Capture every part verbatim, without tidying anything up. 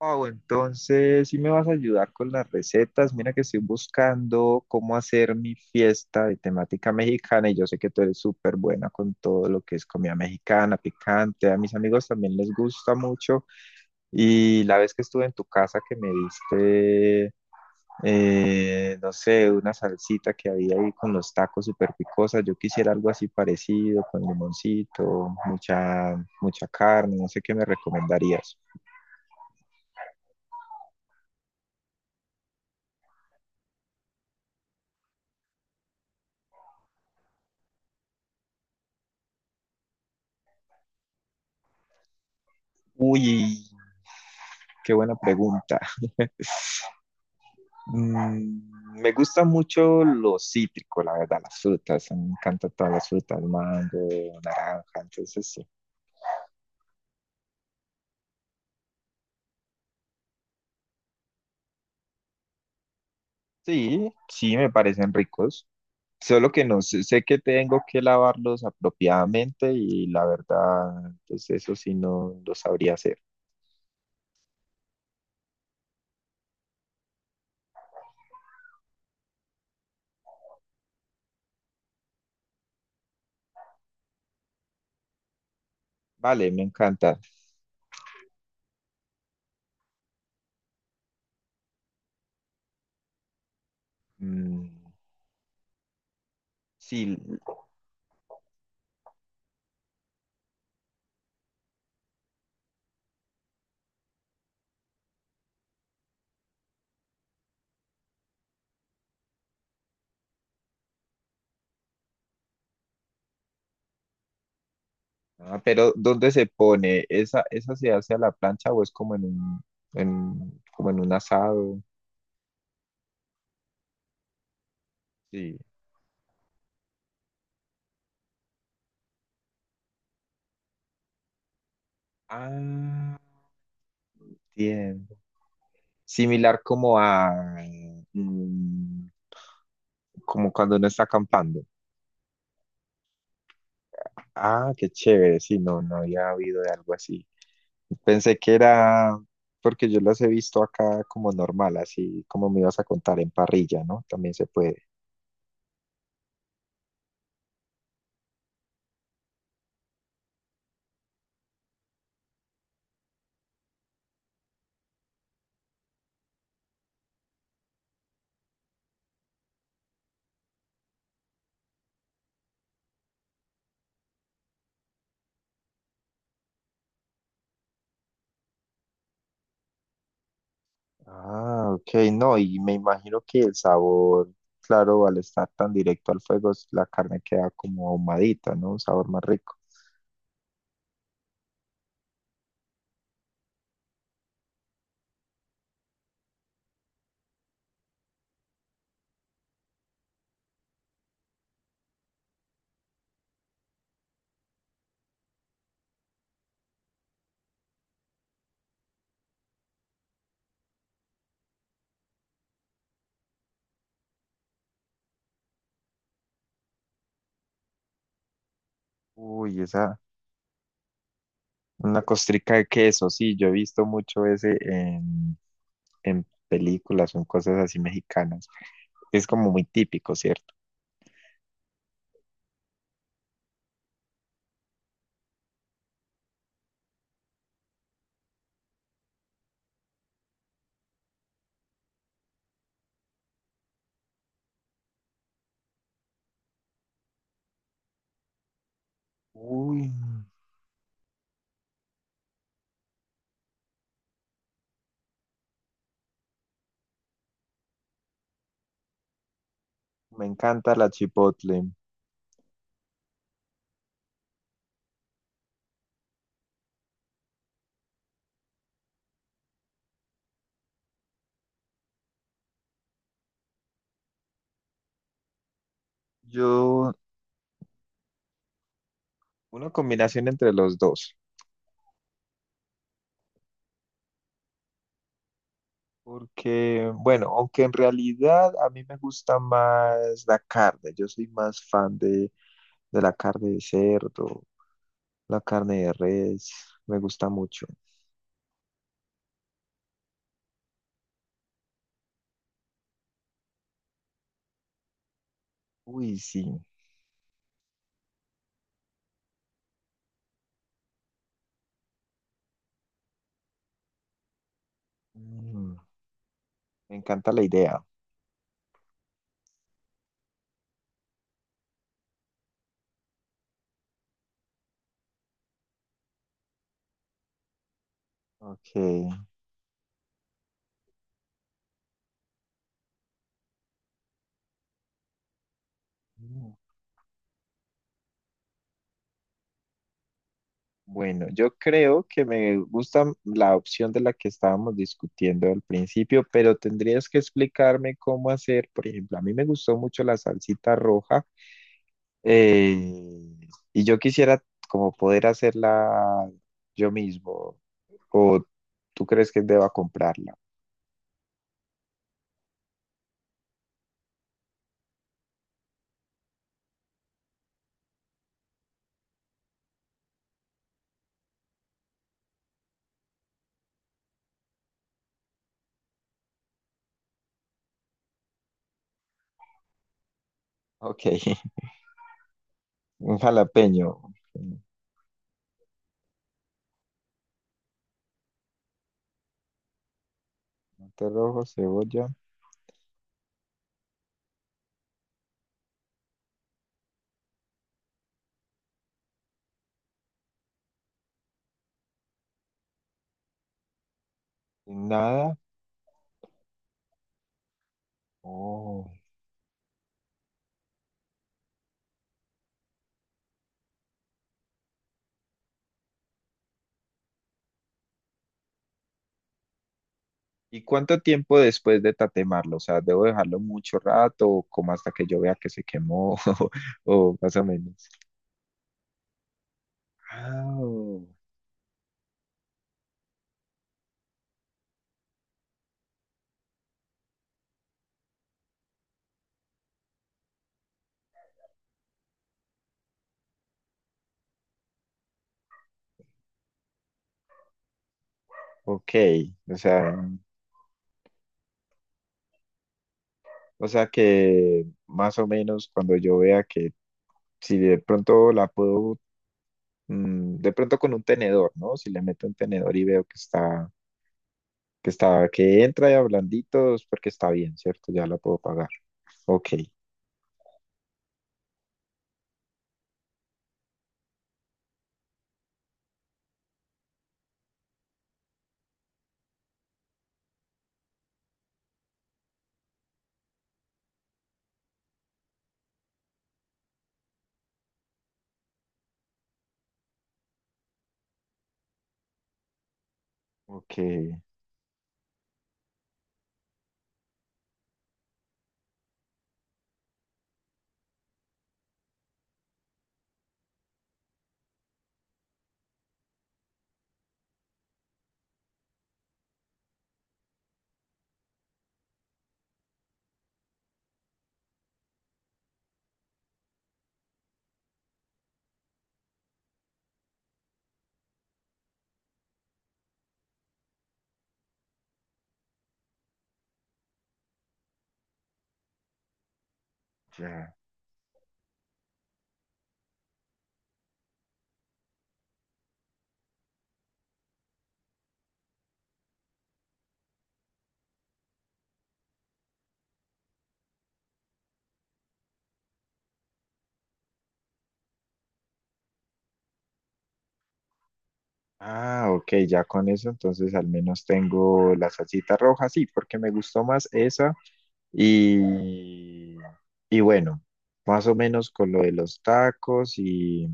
Wow, entonces si me vas a ayudar con las recetas. Mira que estoy buscando cómo hacer mi fiesta de temática mexicana y yo sé que tú eres súper buena con todo lo que es comida mexicana, picante. A mis amigos también les gusta mucho y la vez que estuve en tu casa que me diste, eh, no sé, una salsita que había ahí con los tacos súper picosa. Yo quisiera algo así parecido, con limoncito, mucha, mucha carne, no sé qué me recomendarías. Uy, qué buena pregunta. Mm, me gusta mucho lo cítrico, la verdad, las frutas. Me encantan todas las frutas, mango, naranja, entonces sí. Sí, sí, me parecen ricos. Solo que no sé, sé que tengo que lavarlos apropiadamente y la verdad, pues eso sí no lo sabría hacer. Vale, me encanta. Mm, sí. Ah, pero ¿dónde se pone? ¿Esa, esa se hace a la plancha o es como en un, en- como en un asado? Sí. Ah, bien. Similar como a, mm, como cuando uno está acampando. Ah, qué chévere. Sí, no, no había habido de algo así. Pensé que era, porque yo las he visto acá como normal, así como me ibas a contar en parrilla, ¿no? También se puede. Ah, ok, no, y me imagino que el sabor, claro, al estar tan directo al fuego, s- la carne queda como ahumadita, ¿no? Un sabor más rico. Uy, esa, una costrica de queso, sí, yo he visto mucho ese en, en películas o en cosas así mexicanas. Es como muy típico, ¿cierto? Uy, me encanta la chipotle. Yo, una combinación entre los dos. Porque, bueno, aunque en realidad a mí me gusta más la carne, yo soy más fan de, de la carne de cerdo, la carne de res, me gusta mucho. Uy, sí. Mm, me encanta la idea. Ok. Mm. Bueno, yo creo que me gusta la opción de la que estábamos discutiendo al principio, pero tendrías que explicarme cómo hacer, por ejemplo, a mí me gustó mucho la salsita roja. Eh, y yo quisiera como poder hacerla yo mismo. ¿O tú crees que deba comprarla? Ok, un jalapeño, tomate rojo, cebolla, nada. Oh. ¿Y cuánto tiempo después de tatemarlo? O sea, ¿debo dejarlo mucho rato o como hasta que yo vea que se quemó o más o menos? Ah, ok, o sea, o sea que más o menos cuando yo vea que si de pronto la puedo, mm, de pronto con un tenedor, ¿no? Si le meto un tenedor y veo que está, que está, que entra ya blandito, es porque está bien, ¿cierto? Ya la puedo pagar. Ok, ok, ya. Ah, ok, ya con eso, entonces al menos tengo la salsita roja, sí, porque me gustó más esa. Y, y bueno, más o menos con lo de los tacos y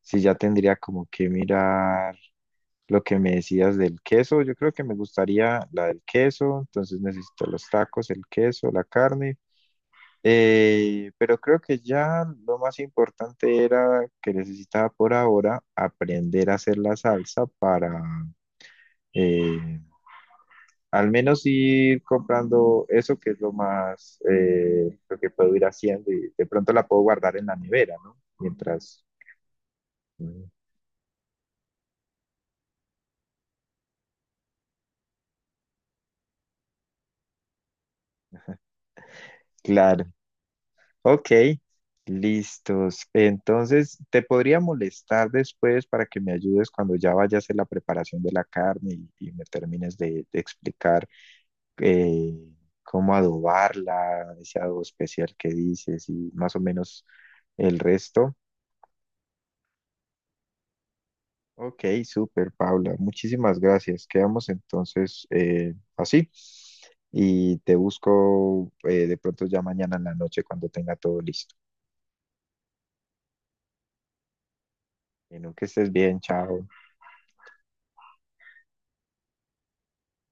sí, ya tendría como que mirar. Lo que me decías del queso, yo creo que me gustaría la del queso, entonces necesito los tacos, el queso, la carne, eh, pero creo que ya lo más importante era que necesitaba por ahora aprender a hacer la salsa para eh, al menos ir comprando eso que es lo más, eh, lo que puedo ir haciendo y de pronto la puedo guardar en la nevera, ¿no? Mientras, mm, claro. Ok, listos. Entonces, te podría molestar después para que me ayudes cuando ya vayas a hacer la preparación de la carne y, y me termines de, de explicar eh, cómo adobarla, ese adobo especial que dices y más o menos el resto. Ok, súper, Paula. Muchísimas gracias. Quedamos entonces eh, así y te busco eh, de pronto ya mañana en la noche cuando tenga todo listo. Bueno, que estés bien, chao.